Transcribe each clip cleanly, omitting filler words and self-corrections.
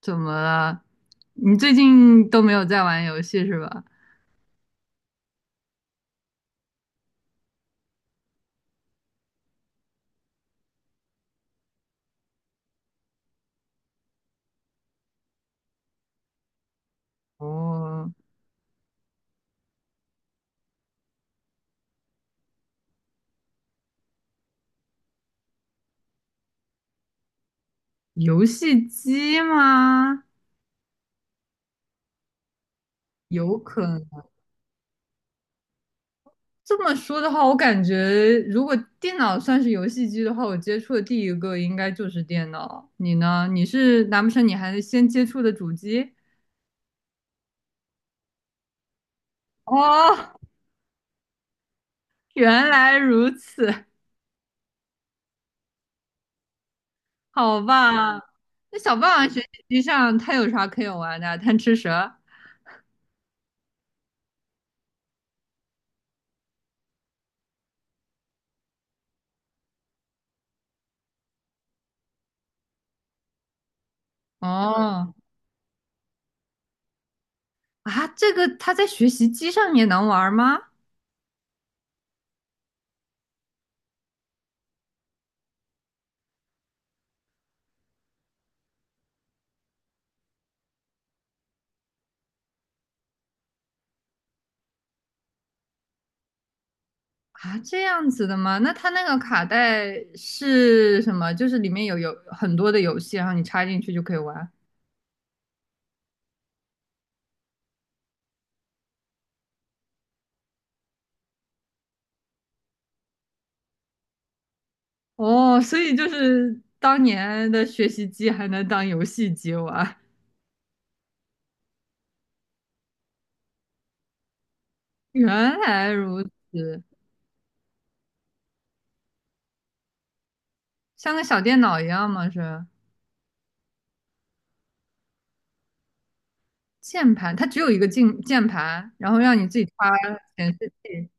怎么了？你最近都没有在玩游戏是吧？哦，游戏机吗？有可能。这么说的话，我感觉如果电脑算是游戏机的话，我接触的第一个应该就是电脑。你呢？你是难不成你还先接触的主机？哦，原来如此，好吧。那小霸王学习机上它有啥可以玩的？贪吃蛇？哦，啊，这个它在学习机上也能玩吗？啊，这样子的吗？那它那个卡带是什么？就是里面有很多的游戏，然后你插进去就可以玩。哦，所以就是当年的学习机还能当游戏机玩，原来如此，像个小电脑一样吗？是键盘，它只有一个键盘，然后让你自己插显示器。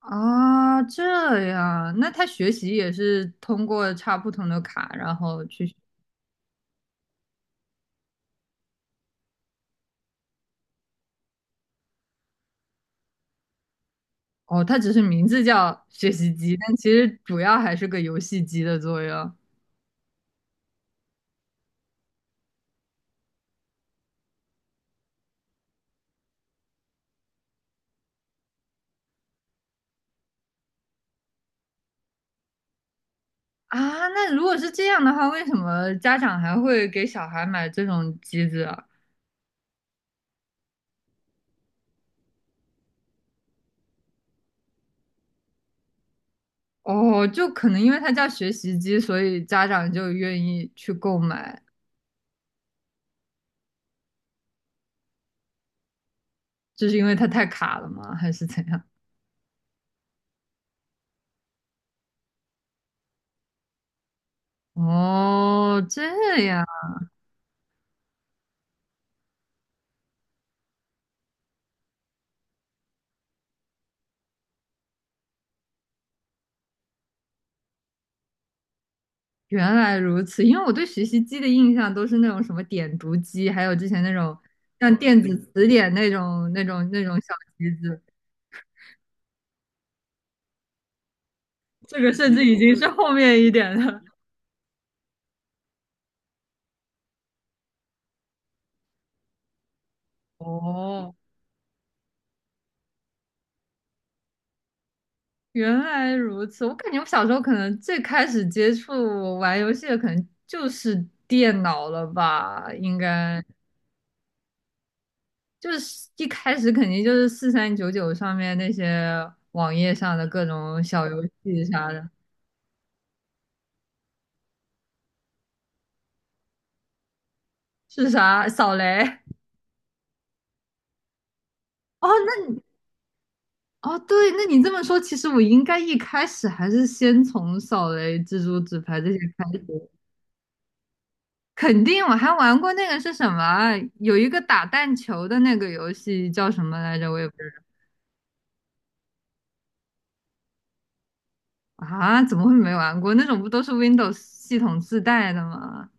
啊，这样，那他学习也是通过插不同的卡，然后去哦，它只是名字叫学习机，但其实主要还是个游戏机的作用啊。那如果是这样的话，为什么家长还会给小孩买这种机子啊？哦，就可能因为它叫学习机，所以家长就愿意去购买，就是因为它太卡了吗？还是怎样？哦，这样，原来如此。因为我对学习机的印象都是那种什么点读机，还有之前那种像电子词典那种小机子。这个甚至已经是后面一点的。哦，原来如此。我感觉我小时候可能最开始接触玩游戏的，可能就是电脑了吧？应该就是一开始肯定就是4399上面那些网页上的各种小游戏啥的，是啥扫雷？哦，那你哦对，那你这么说，其实我应该一开始还是先从扫雷、蜘蛛、纸牌这些开始。肯定，我还玩过那个是什么啊有一个打弹球的那个游戏叫什么来着？我也不知道啊，怎么会没玩过？那种不都是 Windows 系统自带的吗？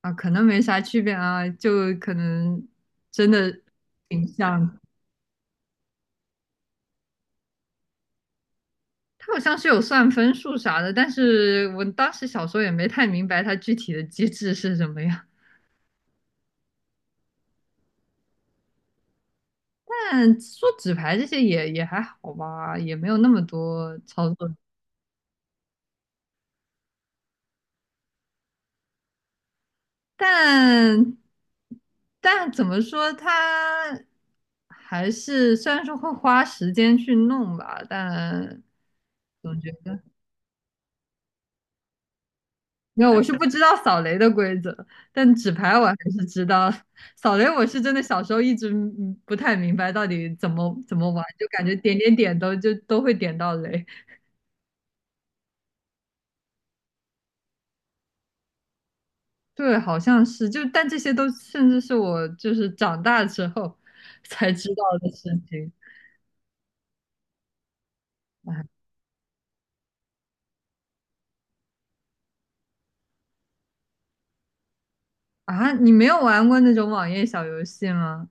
啊，可能没啥区别啊，就可能真的挺像的。它好像是有算分数啥的，但是我当时小时候也没太明白它具体的机制是什么样。但说纸牌这些也还好吧，也没有那么多操作。但但怎么说，它还是虽然说会花时间去弄吧，但总觉得没有，我是不知道扫雷的规则，但纸牌我还是知道。扫雷我是真的小时候一直不太明白到底怎么玩，就感觉点都就都会点到雷。对，好像是就，但这些都甚至是我就是长大之后 才知道的事情。啊，你没有玩过那种网页小游戏吗？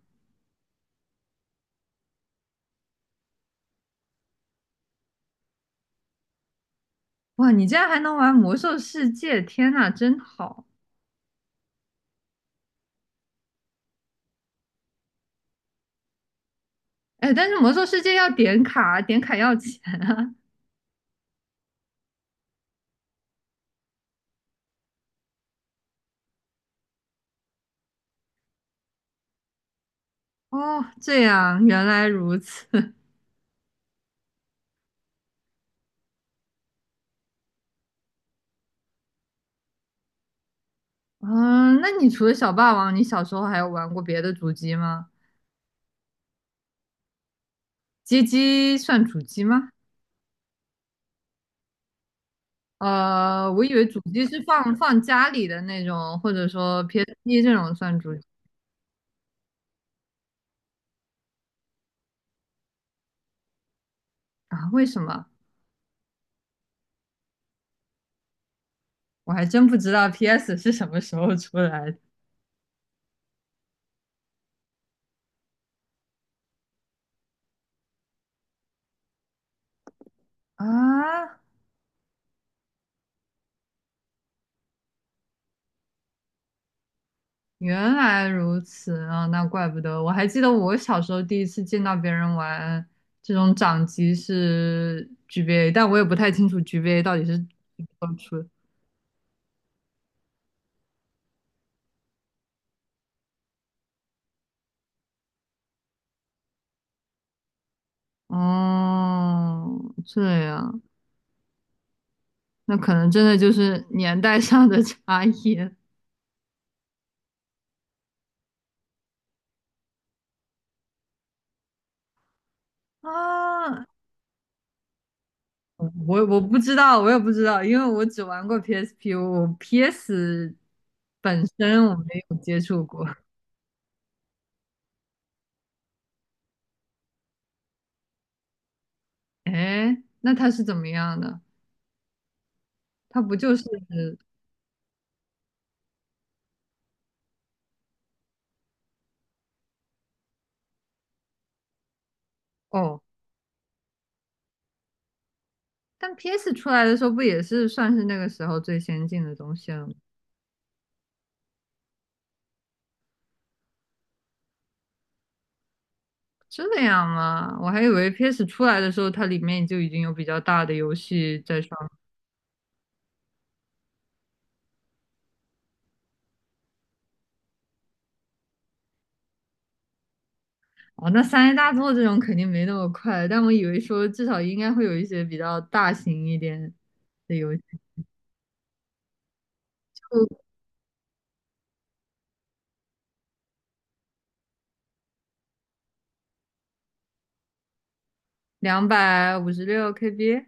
哇，你竟然还能玩《魔兽世界》，天呐，真好！哎，但是《魔兽世界》要点卡，点卡要钱啊。哦，这样，原来如此。嗯，那你除了小霸王，你小时候还有玩过别的主机吗？街机算主机吗？呃，我以为主机是放家里的那种，或者说 PSP 这种算主机啊？为什么？我还真不知道 PS 是什么时候出来的啊？原来如此啊，那怪不得。我还记得我小时候第一次见到别人玩这种掌机是 GBA，但我也不太清楚 GBA 到底是怎么出的哦，这样，那可能真的就是年代上的差异啊。我不知道，我也不知道，因为我只玩过 PSP，我 PS 本身我没有接触过。哎，那它是怎么样的？它不就是哦？但 PS 出来的时候不也是算是那个时候最先进的东西了吗？这样吗？我还以为 PS 出来的时候，它里面就已经有比较大的游戏在上面。哦，那三 A 大作这种肯定没那么快，但我以为说至少应该会有一些比较大型一点的游戏，就256 KB。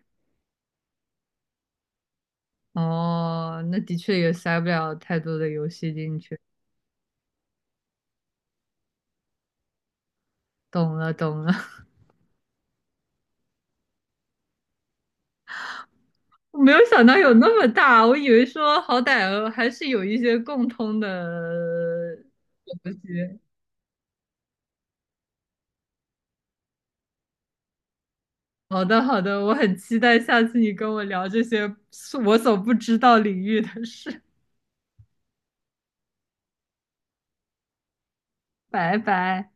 哦，那的确也塞不了太多的游戏进去。懂了，懂了。我没有想到有那么大，我以为说好歹还是有一些共通的东西。好的，好的，我很期待下次你跟我聊这些是我所不知道领域的事。拜拜。